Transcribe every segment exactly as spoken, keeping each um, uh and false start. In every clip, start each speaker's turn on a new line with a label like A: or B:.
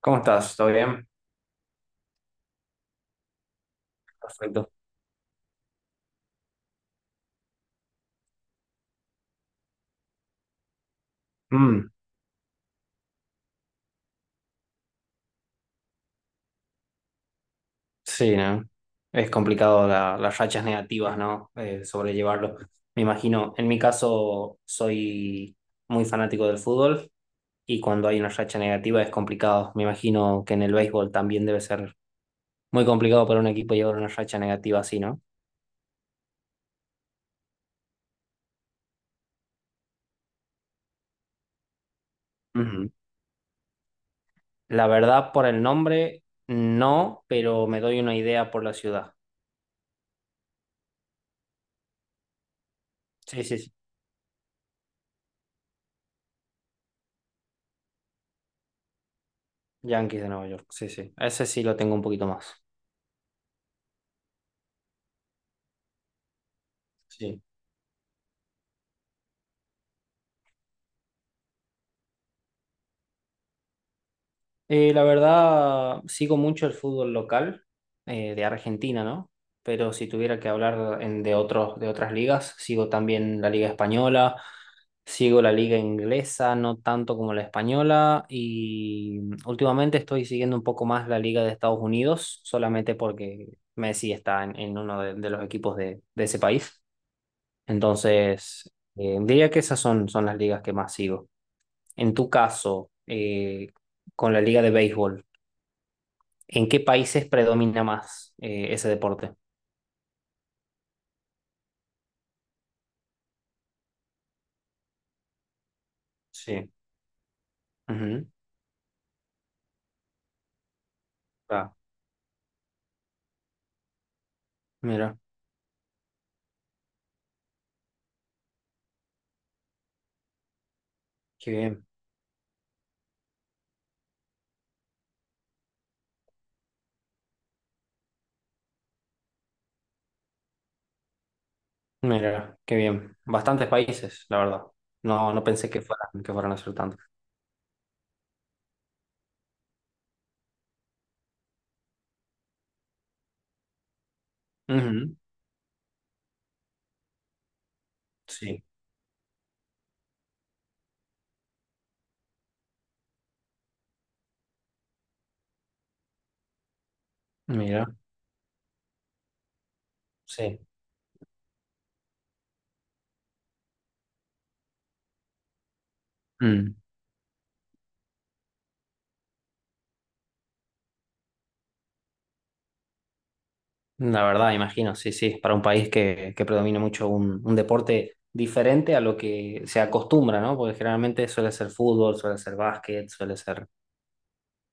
A: ¿Cómo estás? ¿Todo bien? Perfecto. Mm, sí, ¿no? Es complicado la- las rachas negativas, ¿no? Eh, sobrellevarlo. Me imagino, en mi caso soy muy fanático del fútbol y cuando hay una racha negativa es complicado. Me imagino que en el béisbol también debe ser muy complicado para un equipo llevar una racha negativa así, ¿no? Ujú. La verdad, por el nombre, no, pero me doy una idea por la ciudad. Sí, sí, sí. Yankees de Nueva York. Sí, sí. Ese sí lo tengo un poquito más. Sí. Eh, la verdad, sigo mucho el fútbol local eh, de Argentina, ¿no? Pero si tuviera que hablar en- de otros, de otras ligas, sigo también la liga española, sigo la liga inglesa, no tanto como la española, y últimamente estoy siguiendo un poco más la liga de Estados Unidos, solamente porque Messi está en, en uno de, de los equipos de, de ese país. Entonces, eh, diría que esas son, son las ligas que más sigo. En tu caso, eh, con la liga de béisbol. ¿En qué países predomina más eh, ese deporte? Sí, ujú. Ah, mira, qué bien. Mira, qué bien. Bastantes países, la verdad. No, no pensé que fueran, que fueran a ser tantos. Ujú. Sí, mira, sí. Mm. La verdad, imagino, sí, sí, para un país que, que predomina mucho un, un deporte diferente a lo que se acostumbra, ¿no? Porque generalmente suele ser fútbol, suele ser básquet, suele ser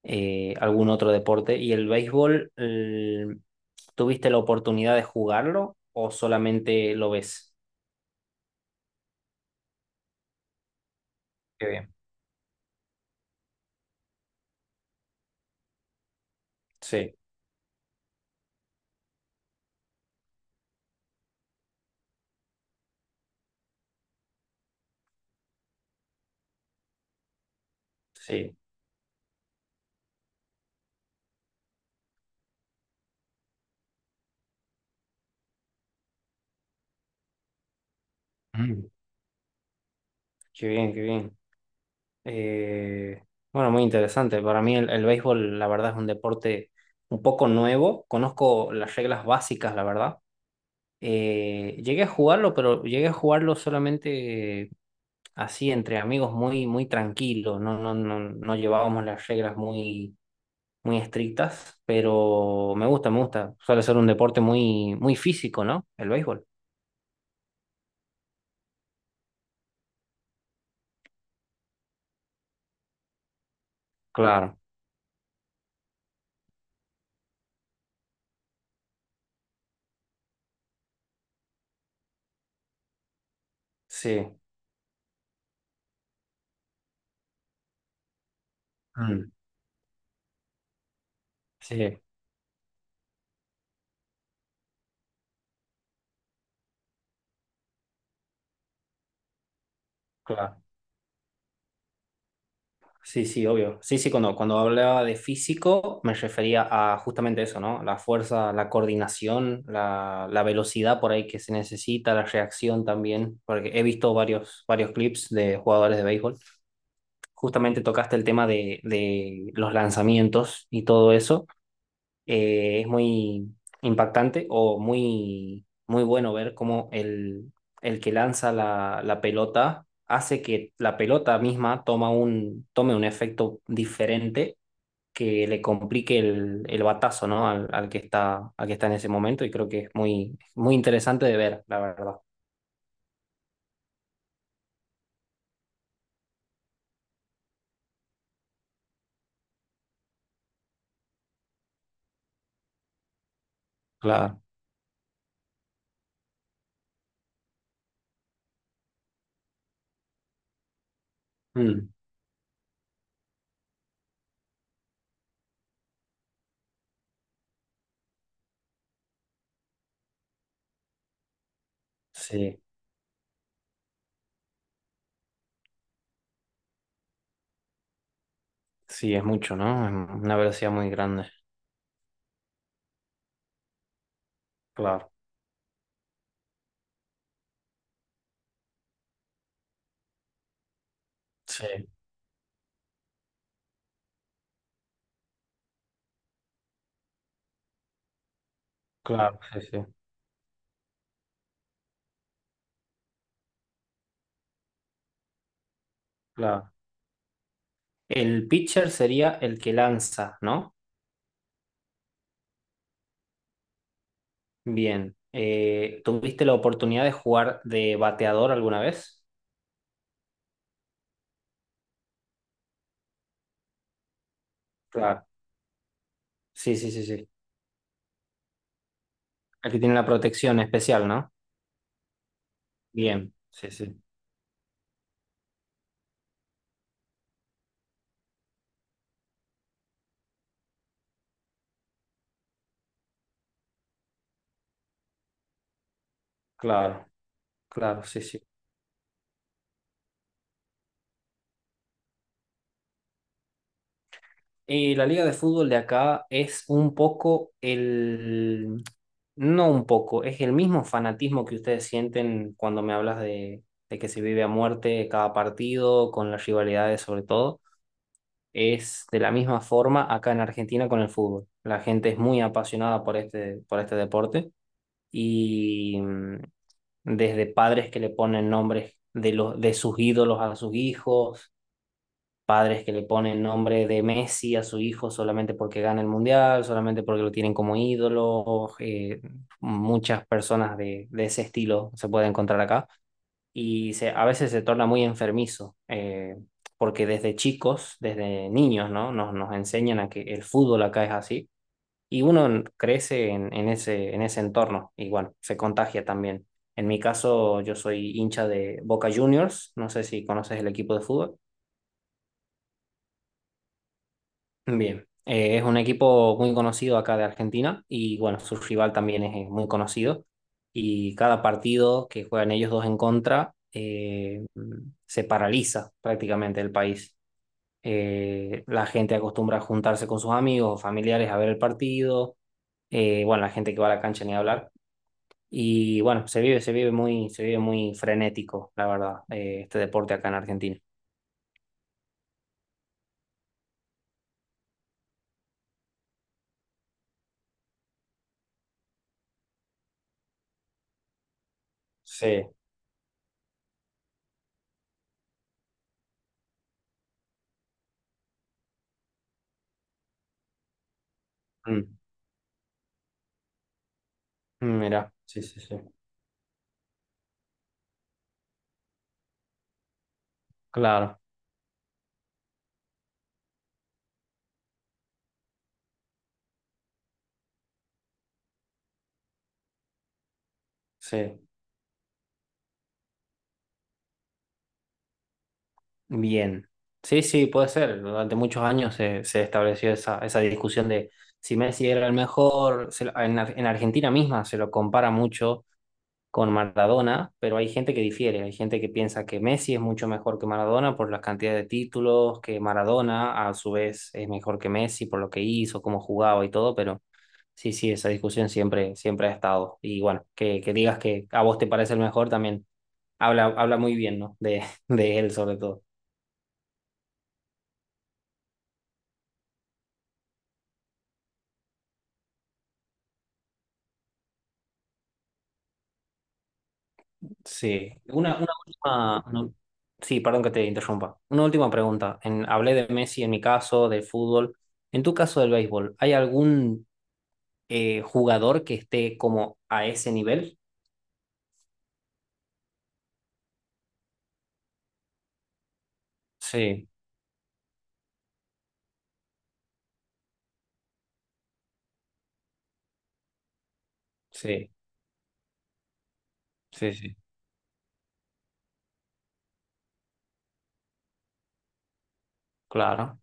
A: eh, algún otro deporte. ¿Y el béisbol, eh, tuviste la oportunidad de jugarlo o solamente lo ves? Qué bien. Sí, sí. Mm. Qué bien, qué bien. Eh, bueno, muy interesante. Para mí el, el béisbol, la verdad, es un deporte un poco nuevo. Conozco las reglas básicas, la verdad. Eh, llegué a jugarlo, pero llegué a jugarlo solamente así entre amigos, muy, muy tranquilo. No, no, no, no llevábamos las reglas muy muy estrictas, pero me gusta, me gusta. Suele ser un deporte muy, muy físico, ¿no? El béisbol. Claro, sí. Mm, sí, claro. Sí, sí, obvio. Sí, sí, cuando, cuando hablaba de físico me refería a justamente eso, ¿no? La fuerza, la coordinación, la, la velocidad por ahí que se necesita, la reacción también, porque he visto varios, varios clips de jugadores de béisbol. Justamente tocaste el tema de, de los lanzamientos y todo eso. eh, es muy impactante o muy, muy bueno ver cómo el, el que lanza la, la pelota hace que la pelota misma toma un, tome un efecto diferente que le complique el, el batazo, ¿no? al, al que está, al que está en ese momento y creo que es muy, muy interesante de ver, la verdad. Claro. Mm, sí, sí, es mucho, ¿no? Es una velocidad muy grande. Claro. Sí, claro, sí, sí, claro. El pitcher sería el que lanza, ¿no? Bien. Eh, ¿tuviste la oportunidad de jugar de bateador alguna vez? Claro. Sí, sí, sí, sí. Aquí tiene la protección especial, ¿no? Bien. Sí, sí. Claro, claro, sí, sí. Y la liga de fútbol de acá es un poco el... No un poco, es el mismo fanatismo que ustedes sienten cuando me hablas de, de que se vive a muerte cada partido, con las rivalidades sobre todo. Es de la misma forma acá en Argentina con el fútbol. La gente es muy apasionada por este, por este deporte y mm, desde padres que le ponen nombres de, los, de sus ídolos a sus hijos, padres que le ponen nombre de Messi a su hijo solamente porque gana el mundial, solamente porque lo tienen como ídolo. eh, muchas personas de, de ese estilo se pueden encontrar acá y se, a veces se torna muy enfermizo, eh, porque desde chicos, desde niños, ¿no? Nos, nos enseñan a que el fútbol acá es así, y uno crece en, en ese, en ese entorno, y bueno, se contagia también. En mi caso, yo soy hincha de Boca Juniors, no sé si conoces el equipo de fútbol. Bien. Eh, es un equipo muy conocido acá de Argentina y bueno, su rival también es eh, muy conocido y cada partido que juegan ellos dos en contra eh, se paraliza prácticamente el país. Eh, la gente acostumbra a juntarse con sus amigos o familiares a ver el partido. Eh, bueno, la gente que va a la cancha ni hablar, y bueno, se vive, se vive muy, se vive muy frenético, la verdad, eh, este deporte acá en Argentina. Sí, mm, mira, sí, sí, sí. Claro, sí. Bien. Sí, sí, puede ser. Durante muchos años se, se estableció esa, esa discusión de si Messi era el mejor. Se lo- en, Ar- En Argentina misma se lo compara mucho con Maradona, pero hay gente que difiere. Hay gente que piensa que Messi es mucho mejor que Maradona por la cantidad de títulos, que Maradona a su vez es mejor que Messi por lo que hizo, cómo jugaba y todo, pero sí, sí, esa discusión siempre, siempre ha estado. Y bueno, que, que digas que a vos te parece el mejor también habla, habla muy bien, ¿no? De, de él sobre todo. Sí, una, una última, una- sí, perdón que te interrumpa. Una última pregunta. En, hablé de Messi en mi caso, del fútbol. En tu caso del béisbol, ¿hay algún eh, jugador que esté como a ese nivel? Sí, sí, sí, sí, claro.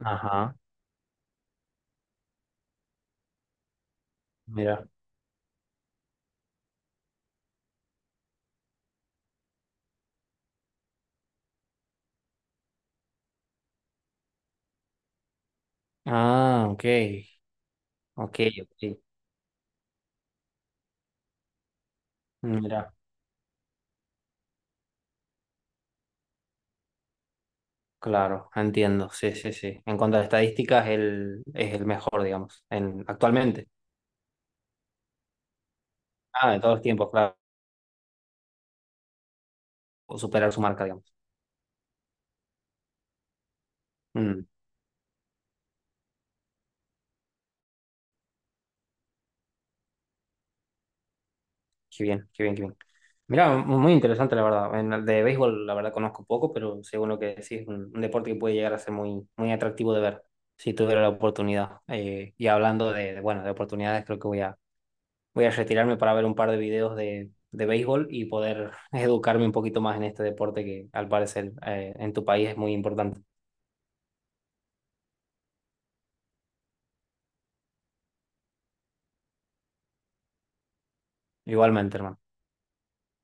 A: Ajá, mira. Ah, ok, ok, ok. Mira, claro, entiendo, sí, sí, sí. En cuanto a estadísticas, él es el mejor, digamos, en, actualmente. Ah, de todos los tiempos, claro, o superar su marca, digamos. Mm. Qué bien, qué bien, qué bien. Mira, muy interesante la verdad. En el de béisbol la verdad conozco poco, pero según lo que decís, es un, un deporte que puede llegar a ser muy, muy atractivo de ver, si tuviera la oportunidad. Eh, y hablando de, de, bueno, de oportunidades, creo que voy a, voy a retirarme para ver un par de videos de, de béisbol y poder educarme un poquito más en este deporte que al parecer eh, en tu país es muy importante. Igualmente, hermano.